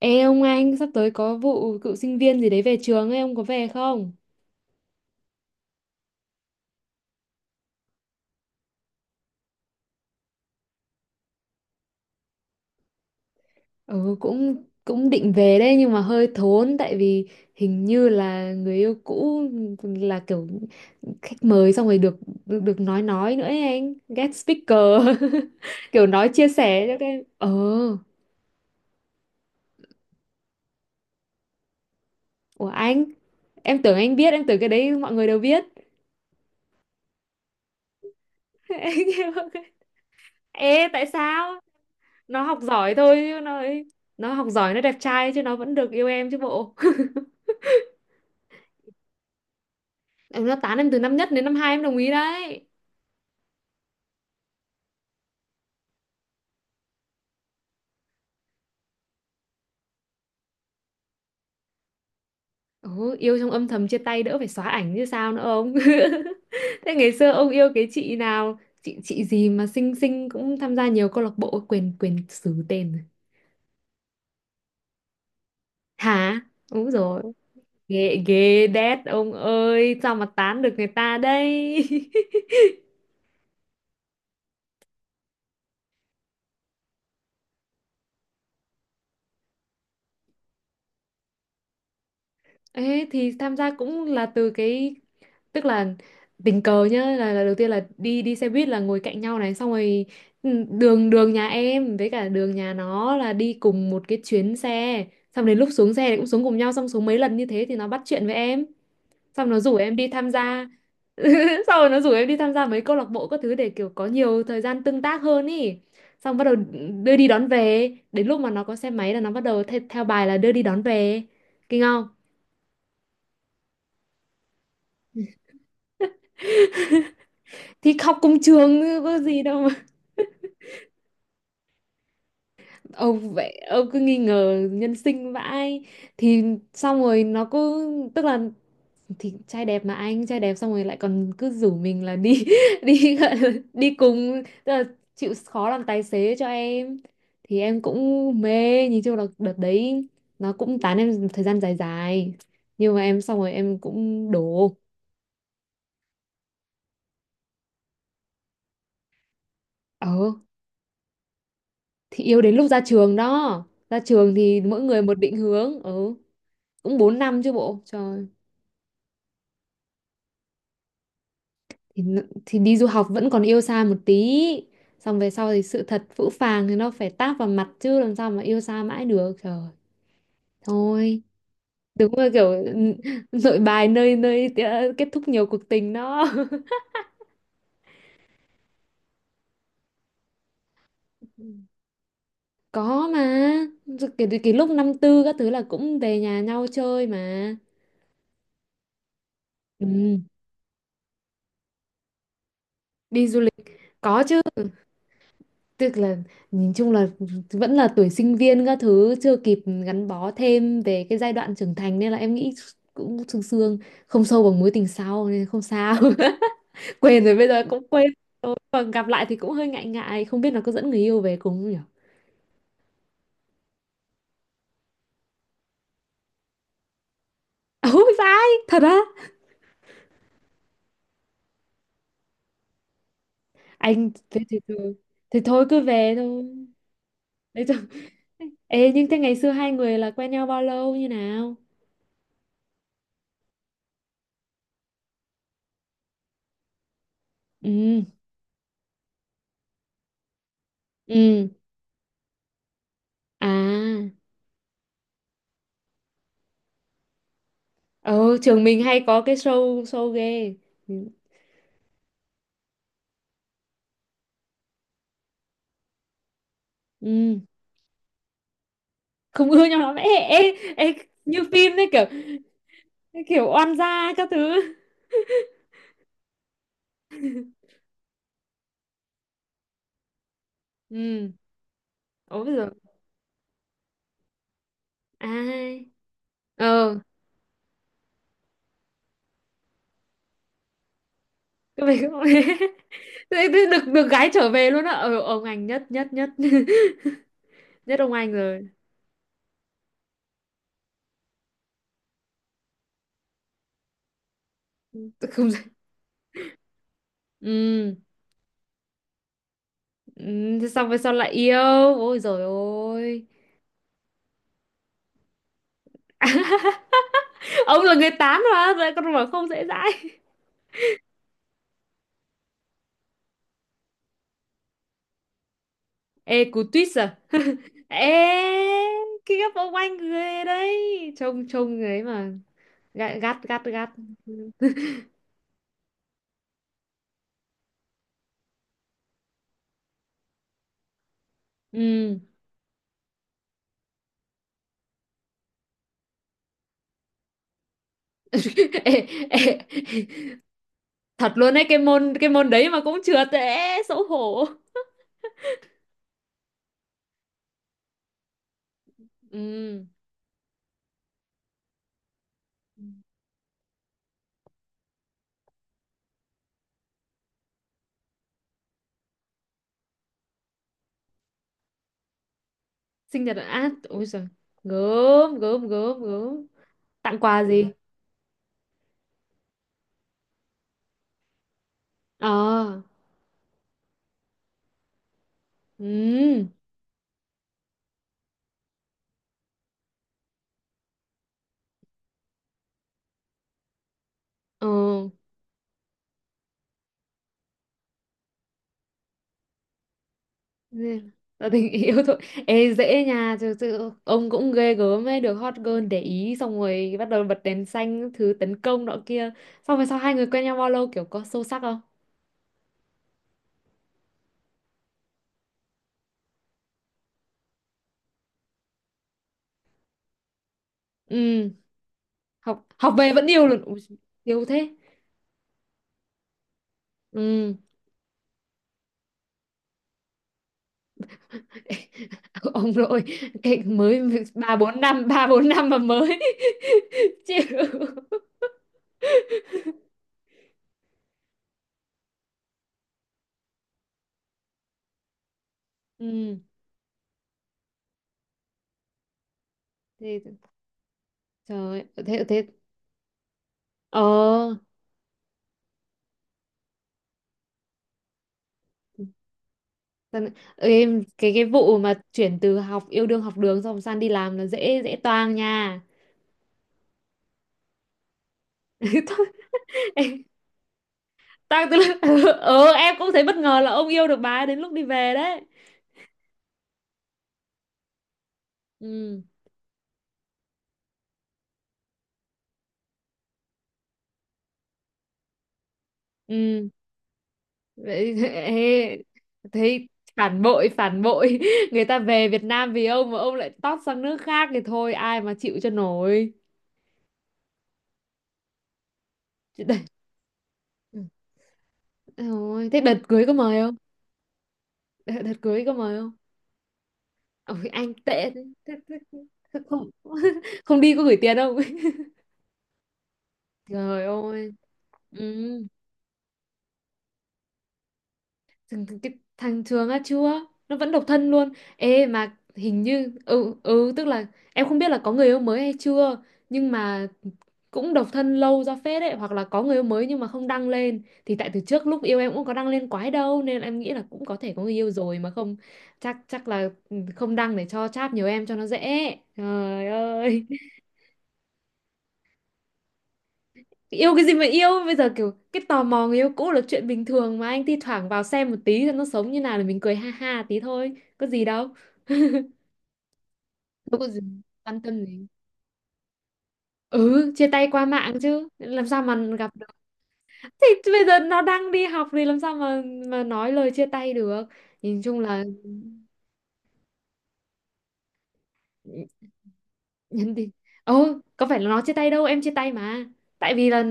Ê ông anh, sắp tới có vụ cựu sinh viên gì đấy về trường ấy, ông có về không? Ừ, cũng cũng định về đấy nhưng mà hơi thốn tại vì hình như là người yêu cũ là kiểu khách mời xong rồi được được, được nói nữa ấy anh, guest speaker. Kiểu nói chia sẻ cho cái của anh, em tưởng anh biết, em tưởng cái đấy mọi người đều biết. Anh em- Ê, tại sao? Nó học giỏi thôi chứ nó nó học giỏi, nó đẹp trai chứ nó vẫn được yêu em chứ bộ. Em, nó tán em từ năm nhất đến năm hai em đồng ý đấy. Ồ, yêu trong âm thầm chia tay đỡ phải xóa ảnh như sao nữa ông. Thế ngày xưa ông yêu cái chị nào? Chị gì mà xinh xinh cũng tham gia nhiều câu lạc bộ, quên quên xứ tên rồi. Hả? Đúng rồi. Ghê ghê đét ông ơi, sao mà tán được người ta đây? Ê, thì tham gia cũng là từ cái, tức là tình cờ nhá, là đầu tiên là đi đi xe buýt là ngồi cạnh nhau này, xong rồi đường đường nhà em với cả đường nhà nó là đi cùng một cái chuyến xe, xong đến lúc xuống xe thì cũng xuống cùng nhau, xong xuống mấy lần như thế thì nó bắt chuyện với em, xong nó rủ em đi tham gia. Xong rồi nó rủ em đi tham gia mấy câu lạc bộ các thứ để kiểu có nhiều thời gian tương tác hơn ý, xong bắt đầu đưa đi đón về, đến lúc mà nó có xe máy là nó bắt đầu theo bài là đưa đi đón về, kinh không? Thì học cùng trường chứ có gì đâu mà. Ông vậy, ông cứ nghi ngờ nhân sinh vãi. Thì xong rồi nó cứ, tức là, thì trai đẹp mà, anh trai đẹp xong rồi lại còn cứ rủ mình là đi đi, gọi là đi cùng, tức là chịu khó làm tài xế cho em, thì em cũng mê. Nhìn chung là đợt đấy nó cũng tán em thời gian dài dài, nhưng mà em xong rồi em cũng đổ. Ờ, thì yêu đến lúc ra trường đó, ra trường thì mỗi người một định hướng. Ừ, cũng 4 năm chứ bộ trời. Thì đi du học vẫn còn yêu xa một tí, xong về sau thì sự thật phũ phàng thì nó phải táp vào mặt chứ làm sao mà yêu xa mãi được trời. Thôi, đúng là kiểu nội bài nơi nơi tía- kết thúc nhiều cuộc tình đó. Có mà, rồi kể từ cái lúc năm tư các thứ là cũng về nhà nhau chơi mà. Ừ, đi du lịch, có chứ. Tức là nhìn chung là vẫn là tuổi sinh viên các thứ, chưa kịp gắn bó thêm về cái giai đoạn trưởng thành nên là em nghĩ cũng sương sương, không sâu bằng mối tình sau nên không sao. Quên rồi, bây giờ cũng quên rồi, còn gặp lại thì cũng hơi ngại ngại, không biết là có dẫn người yêu về cùng không nhỉ. Ôi sai, thật á? Anh thế thì thôi, thì thôi cứ về thôi. Đấy thôi, ê nhưng thế ngày xưa hai người là quen nhau bao lâu, như nào? Ừ. Ừ. À. Ờ, trường mình hay có cái show show ghê. Ừ. Không ưa nhau lắm. Ê, ê, ê, như phim đấy kiểu, kiểu oan gia các thứ. Ừ. Ủa bây giờ ai? Ờ, cái về. Thế- thế được được gái trở về luôn á. Ờ, ông anh nhất nhất nhất. Nhất ông anh rồi. Tôi không. Ừ. Ừ, thế xong về sau lại yêu. Ôi rồi ôi. Ông là người tán mà, rồi con mà không dễ dãi. Ê cú tuyết à. Ê, cái gấp ông anh người đấy, Trông trông người ấy mà, gắt gắt gắt gắt. Ừ. Ê, ê, thật luôn đấy, cái môn, cái môn đấy mà cũng trượt, ê xấu hổ. Ừ. Sinh nhật á? Ôi giời. Gớm gớm gớm gớm. Tặng quà gì? Ờ. Ừ. Ờ. Nên là tình yêu thôi. Ê dễ nha, thực sự ông cũng ghê gớm ấy, được hot girl để ý xong rồi bắt đầu bật đèn xanh các thứ tấn công nọ kia. Xong rồi sau hai người quen nhau bao lâu, kiểu có sâu sắc không? Ừ, học, học về vẫn yêu luôn. Ui, yêu thế. Ừ. Ông nội, cái mới ba bốn năm mà mới. Chịu. Ừ thì, trời ơi, thế thế. Ờ. Dân-. Ê, cái vụ mà chuyển từ học, yêu đương học đường xong sang đi làm là dễ dễ toang nha. Thôi, ê, toang từ lúc- ừ em cũng thấy bất ngờ là ông yêu được bà ấy đến lúc đi về đấy. Ừ. Ừ vậy. Ê, thấy phản bội người ta về Việt Nam vì ông mà ông lại tót sang nước khác thì thôi ai mà chịu cho nổi. Chứ đây-. Ừ. Ôi, thế đợt cưới có mời không? Đợt cưới có mời không? Ôi anh tệ thế. Thế không không đi có gửi tiền không? Trời ơi. Ừ. thằng, thằng- cái thằng Trường á, chưa, nó vẫn độc thân luôn. Ê mà hình như, ừ ừ, tức là em không biết là có người yêu mới hay chưa, nhưng mà cũng độc thân lâu ra phết đấy. Hoặc là có người yêu mới nhưng mà không đăng lên, thì tại từ trước lúc yêu em cũng có đăng lên quái đâu, nên em nghĩ là cũng có thể có người yêu rồi mà không, chắc chắc là không đăng để cho chát nhiều em cho nó dễ. Trời ơi, yêu cái gì mà yêu bây giờ, kiểu cái tò mò người yêu cũ là chuyện bình thường mà anh. Thi thoảng vào xem một tí cho nó sống như nào, là mình cười ha ha tí thôi, có gì đâu. Đâu có gì, quan tâm gì. Ừ, chia tay qua mạng chứ làm sao mà gặp được. Thì bây giờ nó đang đi học thì làm sao mà nói lời chia tay được. Nhìn chung là nhân tình. Ồ, có phải là nó chia tay đâu, em chia tay mà, tại vì là,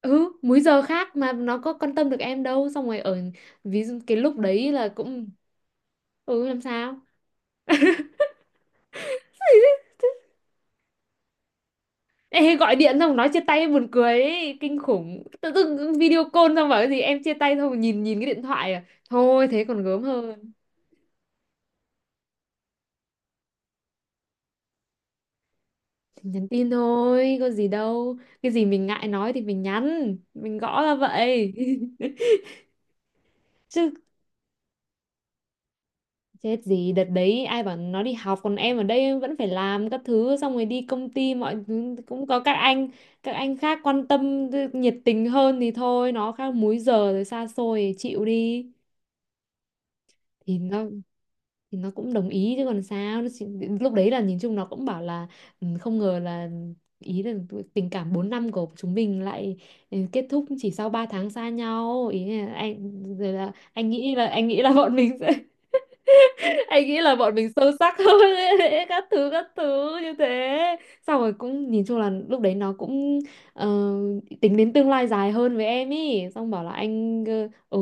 ừ, múi giờ khác mà nó có quan tâm được em đâu, xong rồi ở, ví dụ cái lúc đấy là cũng. Ừ, làm sao. Ê, gọi điện xong nói chia tay buồn cười ấy, kinh khủng, tự dưng video call xong bảo cái gì, em chia tay, xong rồi nhìn nhìn cái điện thoại à? Thôi thế còn gớm hơn. Thì nhắn tin thôi có gì đâu, cái gì mình ngại nói thì mình nhắn, mình gõ ra vậy. Chứ chết gì, đợt đấy ai bảo nó đi học còn em ở đây vẫn phải làm các thứ, xong rồi đi công ty mọi thứ cũng có các anh, các anh khác quan tâm nhiệt tình hơn thì thôi, nó khác múi giờ rồi xa xôi thì chịu đi. Thì nó, thì nó cũng đồng ý chứ còn sao, nó chỉ, lúc đấy là nhìn chung nó cũng bảo là: "Ừ, không ngờ là, ý là tình cảm 4 năm của chúng mình lại, ừ, kết thúc chỉ sau 3 tháng xa nhau", ý là anh, rồi là anh nghĩ là, anh nghĩ là bọn mình sẽ, anh nghĩ là bọn mình sâu sắc hơn ấy, các thứ như thế. Xong rồi cũng nhìn chung là lúc đấy nó cũng, ờ, tính đến tương lai dài hơn với em ý, xong bảo là anh,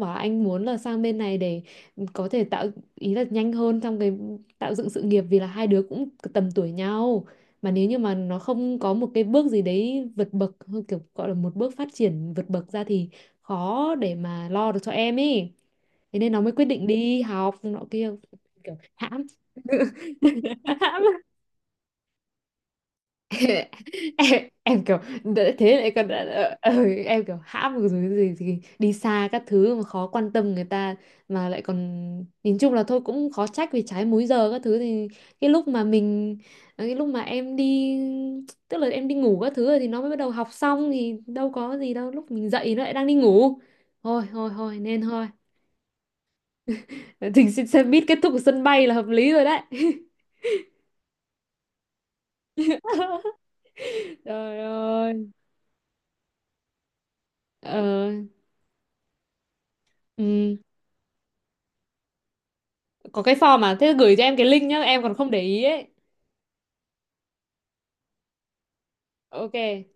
bảo là anh muốn là sang bên này để có thể tạo, ý là nhanh hơn trong cái tạo dựng sự nghiệp, vì là hai đứa cũng tầm tuổi nhau, mà nếu như mà nó không có một cái bước gì đấy vượt bậc, kiểu gọi là một bước phát triển vượt bậc ra, thì khó để mà lo được cho em ý, thế nên nó mới quyết định đi học nọ kia, kiểu hãm. Hãm. Em, em em kiểu: " thế lại còn em kiểu hãm rồi, cái gì thì đi xa các thứ mà khó quan tâm người ta mà lại còn. Nhìn chung là thôi, cũng khó trách vì trái múi giờ các thứ, thì cái lúc mà mình, ờ, cái lúc mà em đi, tức là em đi ngủ các thứ rồi thì nó mới bắt đầu học xong, thì đâu có gì đâu, lúc mình dậy nó lại đang đi ngủ. Thôi thôi thôi nên thôi. Thì xin, xe buýt kết thúc ở sân bay là hợp lý rồi đấy. Trời ơi. Ờ, ừ. Có cái form mà, thế gửi cho em cái link nhá, em còn không để ý ấy. OK.